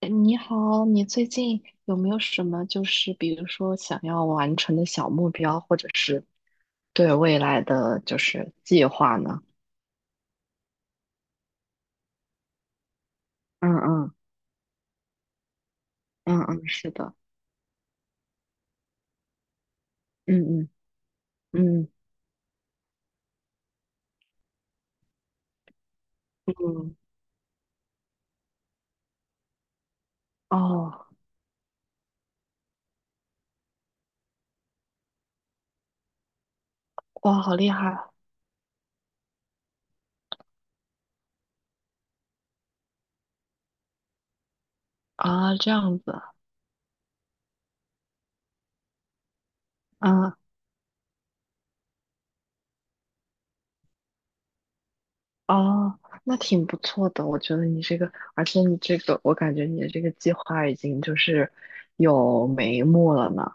你好，你最近有没有什么就是比如说想要完成的小目标，或者是对未来的就是计划呢？嗯嗯嗯嗯，是的，嗯嗯嗯嗯，哦，哇，好厉害啊！这样子啊，哦，那挺不错的，我觉得你这个，而且你这个，我感觉你的这个计划已经就是有眉目了呢。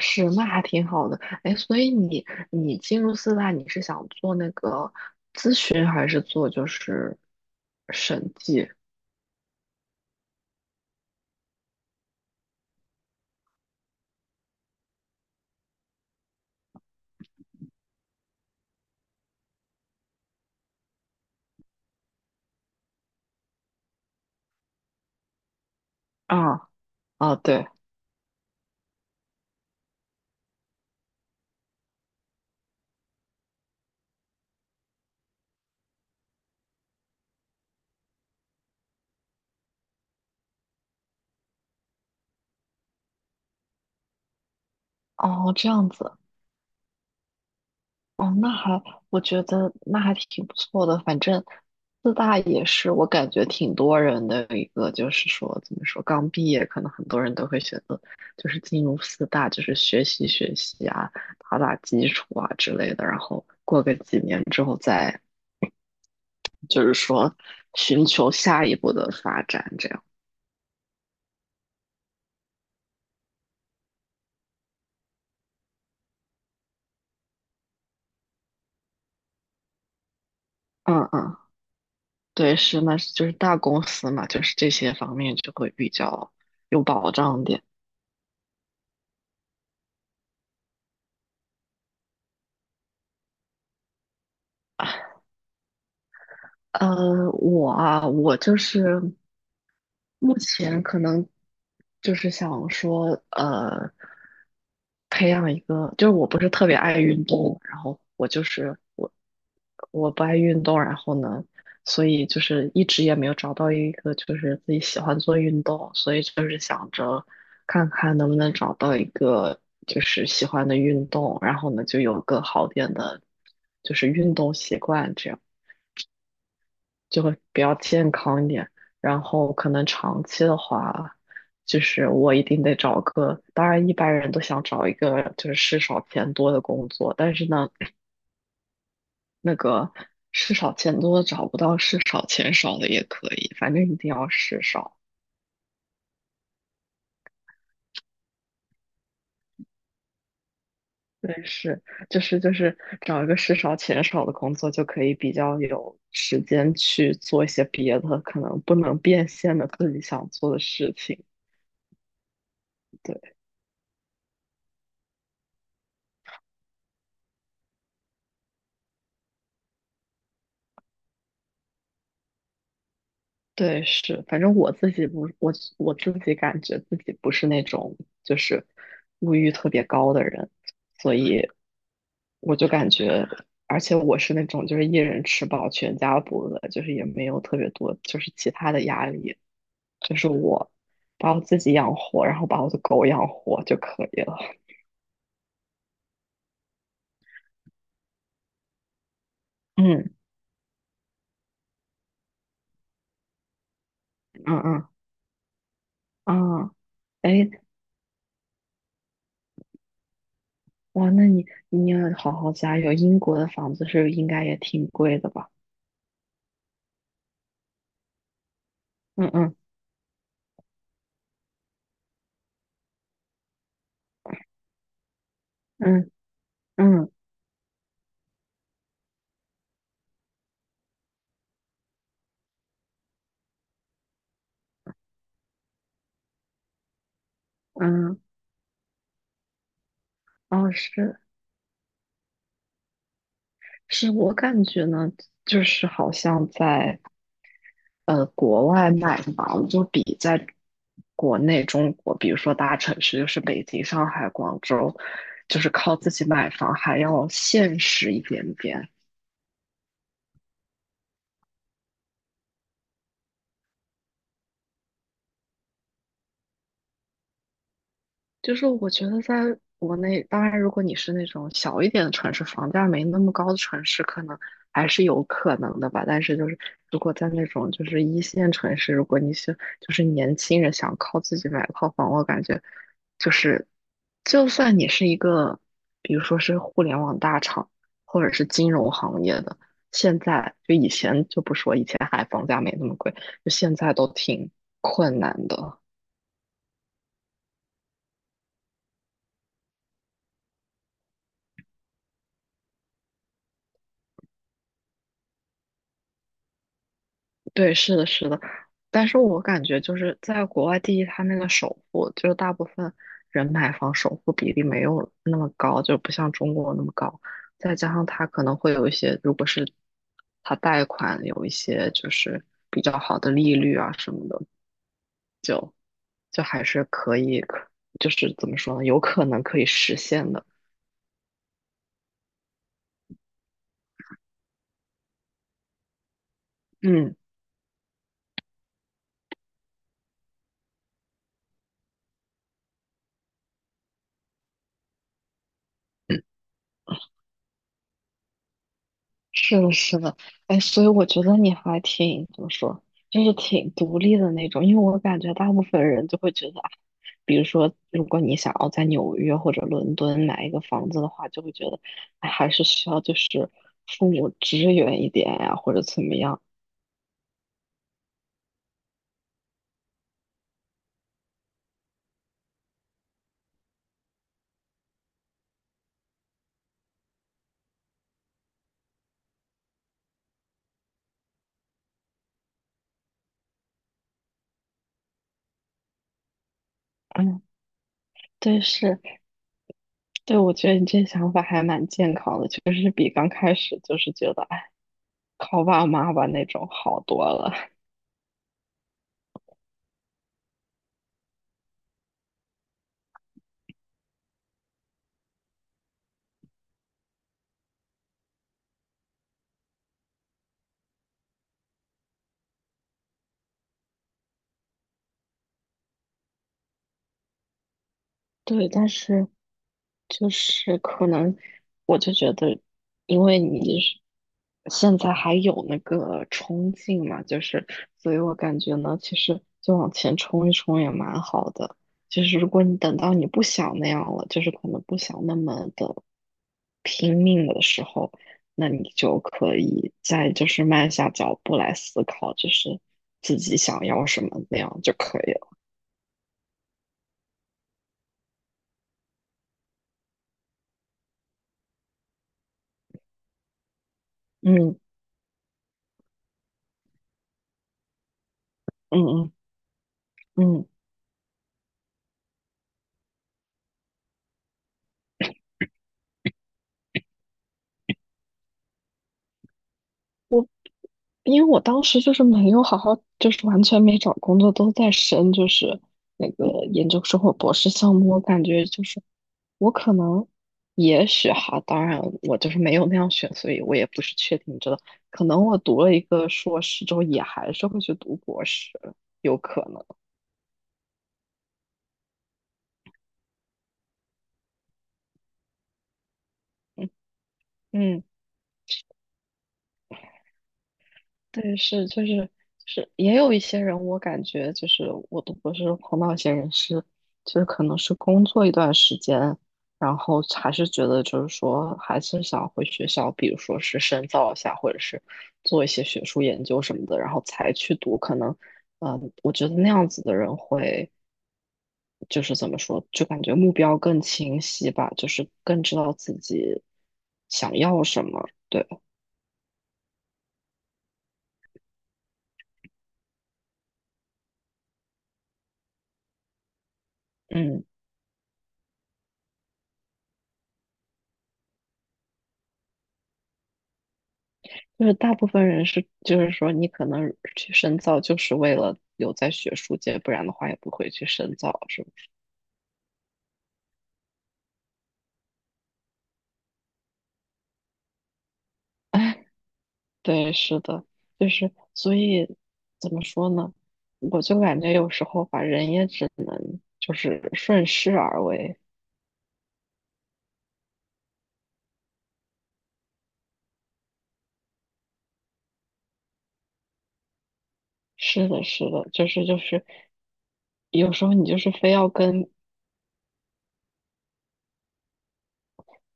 是，那还挺好的。哎，所以你进入四大，你是想做那个区还是做就是审计？啊啊，对，哦，这样子，哦，我觉得那还挺不错的。反正四大也是我感觉挺多人的一个，就是说怎么说，刚毕业可能很多人都会选择就是进入四大，就是学习学习啊，打打基础啊之类的，然后过个几年之后再。就是说寻求下一步的发展这样。嗯嗯，对，是，那是就是大公司嘛，就是这些方面就会比较有保障点。我就是目前可能就是想说，培养一个，就是我不是特别爱运动，然后我就是我不爱运动，然后呢，所以就是一直也没有找到一个就是自己喜欢做运动，所以就是想着看看能不能找到一个就是喜欢的运动，然后呢就有个好点的，就是运动习惯这样。就会比较健康一点。然后可能长期的话，就是我一定得找个，当然一般人都想找一个就是事少钱多的工作，但是呢，那个事少钱多的找不到，事少钱少的也可以，反正一定要事少。对，是，就是就是找一个事少钱少的工作，就可以比较有时间去做一些别的，可能不能变现的自己想做的事情。对。对，是，反正我自己不，我自己感觉自己不是那种就是物欲特别高的人，所以我就感觉，而且我是那种就是一人吃饱全家不饿，就是也没有特别多就是其他的压力，就是我把我自己养活，然后把我的狗养活就可以了。嗯嗯嗯啊，哎，哇，那你要好好加油，英国的房子是应该也挺贵的吧？嗯嗯嗯嗯。嗯，哦，是是，我感觉呢，就是好像在国外买房，就比在国内中国，比如说大城市，就是北京、上海、广州，就是靠自己买房还要现实一点点。就是我觉得在国内，当然如果你是那种小一点的城市，房价没那么高的城市，可能还是有可能的吧。但是就是如果在那种就是一线城市，如果你是就是年轻人想靠自己买套房，我感觉就是就算你是一个，比如说是互联网大厂或者是金融行业的，现在就以前就不说，以前还房价没那么贵，就现在都挺困难的。对，是的，是的，但是我感觉就是在国外，第一，它那个首付，就是大部分人买房首付比例没有那么高，就不像中国那么高。再加上它可能会有一些，如果是它贷款有一些就是比较好的利率啊什么的，就还是可以，就是怎么说呢，有可能可以实现的。嗯，是的，是的，哎，所以我觉得你还挺怎么说，就是挺独立的那种，因为我感觉大部分人就会觉得啊比如说，如果你想要在纽约或者伦敦买一个房子的话，就会觉得，哎，还是需要就是父母支援一点呀、或者怎么样。嗯，对，是，对，我觉得你这想法还蛮健康的，就是比刚开始就是觉得，哎，靠爸妈吧那种好多了。对，但是就是可能我就觉得，因为你是现在还有那个冲劲嘛，就是所以我感觉呢，其实就往前冲一冲也蛮好的。就是如果你等到你不想那样了，就是可能不想那么的拼命的时候，那你就可以再就是慢下脚步来思考，就是自己想要什么那样就可以了。嗯嗯嗯嗯。因为我当时就是没有好好，就是完全没找工作，都在就是那个研究生或博士项目。我感觉就是我可能，也许哈，当然我就是没有那样选，所以我也不是确定知道，可能我读了一个硕士之后，也还是会去读博士，有可能。嗯。嗯对，是就是是，也有一些人，我感觉就是我都不是碰到一些人是，就是可能是工作一段时间，然后还是觉得就是说还是想回学校，比如说是深造一下，或者是做一些学术研究什么的，然后才去读。可能，嗯、我觉得那样子的人会就是怎么说，就感觉目标更清晰吧，就是更知道自己想要什么。对，嗯。就是大部分人是，就是说你可能去深造就是为了留在学术界，不然的话也不会去深造，是不是？哎，对，是的，就是所以怎么说呢？我就感觉有时候吧，人也只能就是顺势而为。是的，是的，就是，有时候你就是非要跟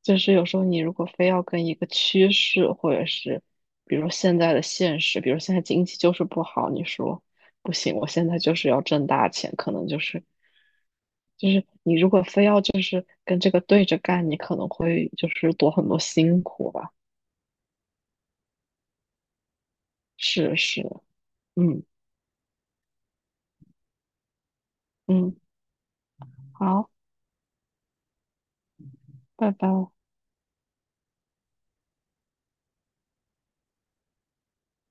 有时候你如果非要跟一个趋势，或者是比如现在的现实，比如现在经济就是不好，你说不行，我现在就是要挣大钱，可能就是你如果非要就是跟这个对着干，你可能会就是多很多辛苦吧。是是，嗯嗯，好，拜拜。